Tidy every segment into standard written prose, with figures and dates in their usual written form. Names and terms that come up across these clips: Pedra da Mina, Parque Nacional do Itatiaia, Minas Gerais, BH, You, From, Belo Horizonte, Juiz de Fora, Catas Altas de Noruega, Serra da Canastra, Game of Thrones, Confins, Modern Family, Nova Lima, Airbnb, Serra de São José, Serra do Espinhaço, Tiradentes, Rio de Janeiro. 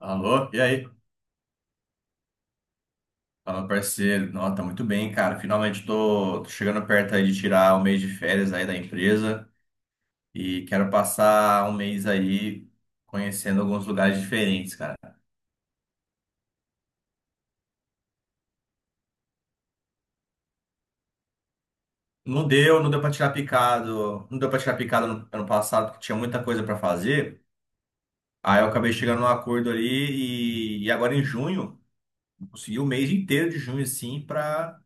Alô, e aí? Fala, parceiro. Nossa, tá muito bem, cara. Finalmente tô chegando perto aí de tirar um mês de férias aí da empresa e quero passar um mês aí conhecendo alguns lugares diferentes, cara. Não deu, não deu pra tirar picado, não deu pra tirar picado no ano passado, porque tinha muita coisa pra fazer. Aí eu acabei chegando num acordo ali e agora em junho, eu consegui o mês inteiro de junho, assim, pra,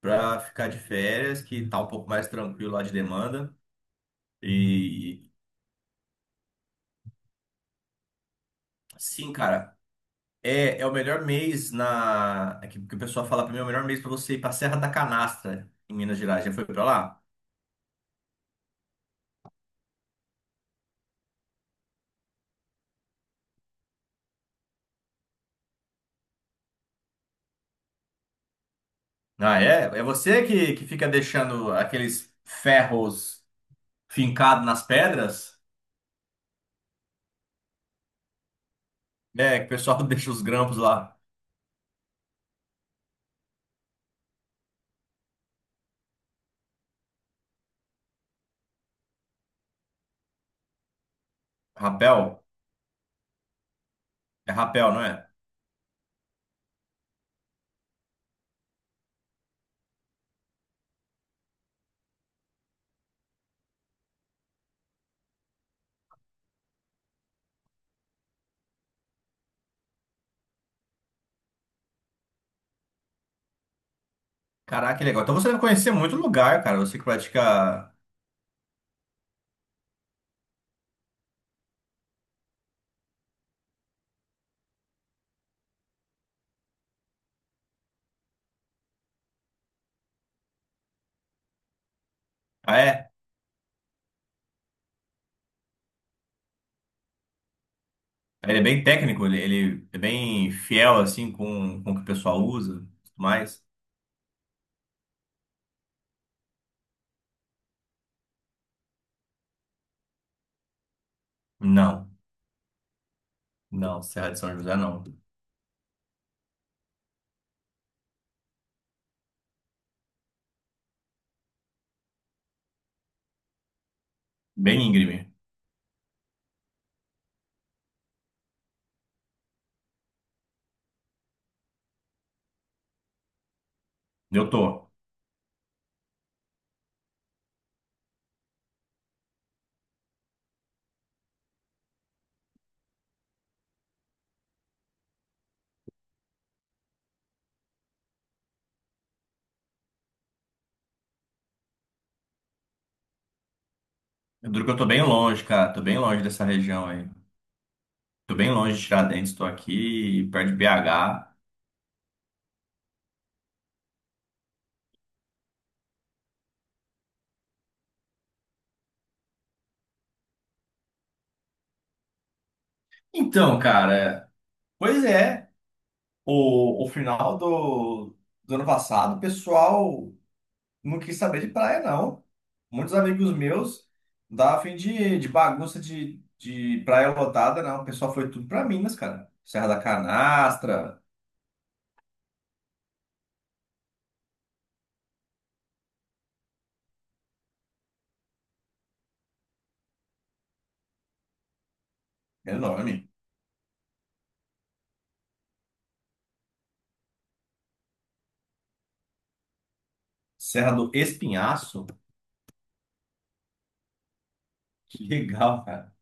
pra ficar de férias, que tá um pouco mais tranquilo lá de demanda. E sim, cara. É o melhor mês. Que o pessoal fala pra mim, é o melhor mês pra você ir pra Serra da Canastra, em Minas Gerais. Já foi pra lá? Ah, é? É você que fica deixando aqueles ferros fincados nas pedras? É, que o pessoal deixa os grampos lá. Rapel? É rapel, não é? Caraca, que legal. Então você deve conhecer muito lugar, cara. Você que pratica. Ah, é? Ele é bem técnico, ele é bem fiel, assim, com o que o pessoal usa e tudo mais. Não, não, Serra de São José não. Bem íngreme. Eu tô. Eu duro que eu tô bem longe, cara. Tô bem longe dessa região aí. Tô bem longe de Tiradentes, tô aqui perto de BH. Então, cara, pois é. O final do ano passado, o pessoal não quis saber de praia, não. Muitos amigos meus davam fim de bagunça de praia lotada, não. O pessoal foi tudo pra Minas, cara. Serra da Canastra, é enorme. Serra do Espinhaço. Que legal, cara.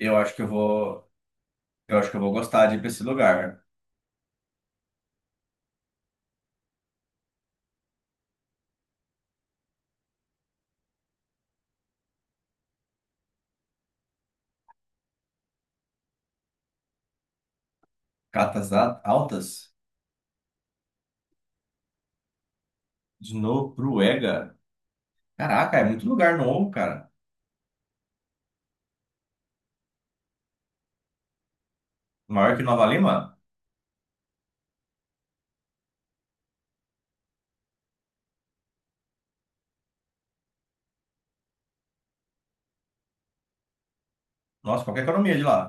Eu acho que eu vou. Eu acho que eu vou gostar de ir pra esse lugar. Catas Altas de Noruega. Caraca, é muito lugar novo, cara. Maior que Nova Lima? Nossa, qual que é a economia de lá?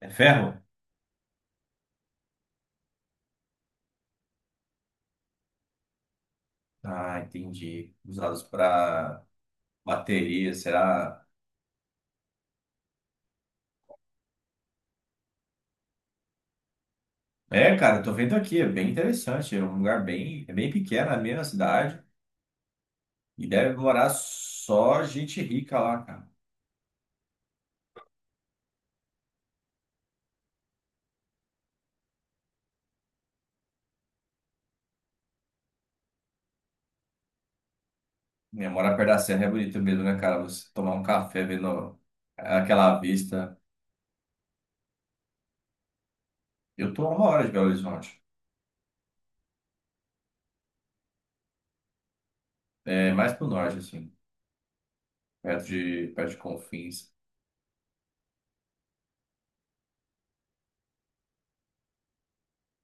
É ferro? Ah, entendi. Usados para bateria, será? É, cara, eu tô vendo aqui, é bem interessante. É um lugar bem pequeno, é meio na cidade. E deve morar só gente rica lá, cara. É, morar perto da serra é bonito mesmo, né, cara? Você tomar um café vendo aquela vista. Eu tô a uma hora de Belo Horizonte. É mais pro norte, assim, perto de Confins.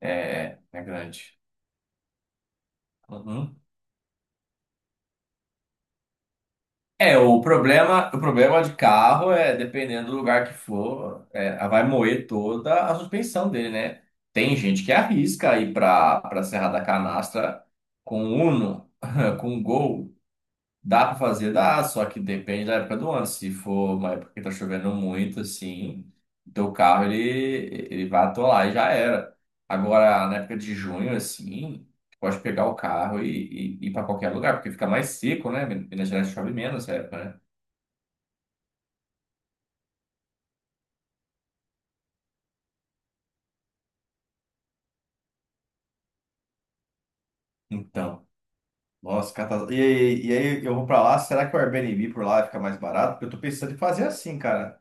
É grande. Uhum. É, o problema de carro é, dependendo do lugar que for, é, vai moer toda a suspensão dele, né? Tem gente que arrisca ir para Serra da Canastra com Uno, com Gol. Dá pra fazer? Dá, só que depende da época do ano. Se for uma época que tá chovendo muito, assim, teu carro ele vai atolar e já era. Agora, na época de junho, assim, tu pode pegar o carro e ir pra qualquer lugar, porque fica mais seco, né? Minas Gerais chove menos nessa época, né? Então, nossa, e aí eu vou pra lá, será que o Airbnb por lá fica mais barato? Porque eu tô pensando em fazer assim, cara.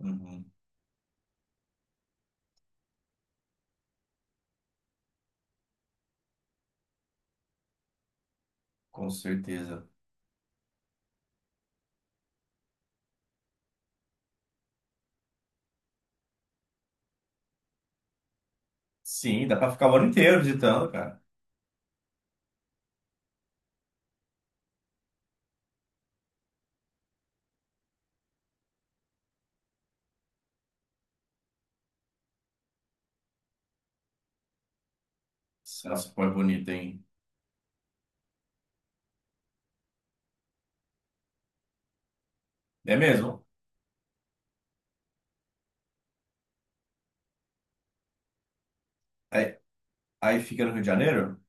Uhum, com certeza. Sim, dá pra ficar o ano inteiro visitando, cara. Nossa, como é bonito, hein? É mesmo? Aí, aí, fica no Rio de Janeiro,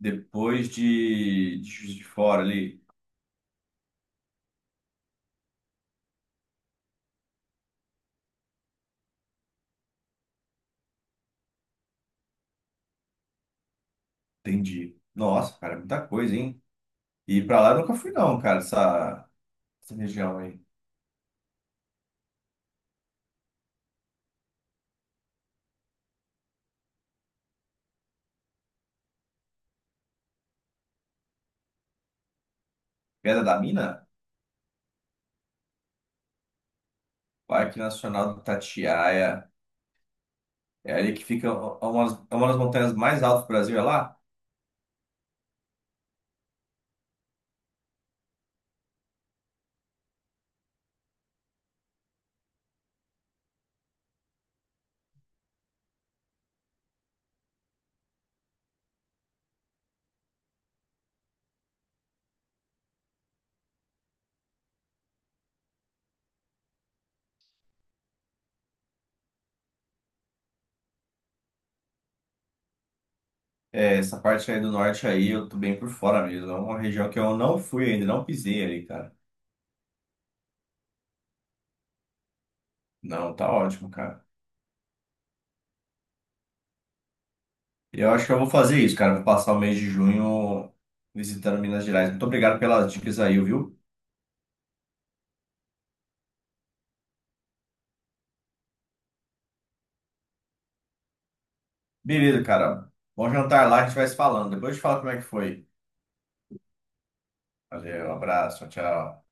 depois de Juiz de Fora ali. Entendi. Nossa, cara, é muita coisa, hein? E pra lá eu nunca fui, não, cara, essa região aí. Pedra da Mina, Parque Nacional do Itatiaia. É ali que fica é uma das montanhas mais altas do Brasil, é lá? É, essa parte aí do norte aí, eu tô bem por fora mesmo. É uma região que eu não fui ainda, não pisei ali, cara. Não, tá ótimo, cara. E eu acho que eu vou fazer isso, cara. Vou passar o mês de junho visitando Minas Gerais. Muito obrigado pelas dicas aí, viu? Beleza, cara. Bom jantar lá, a gente vai se falando. Depois eu te falo como é que foi. Valeu, abraço, tchau. Tchau.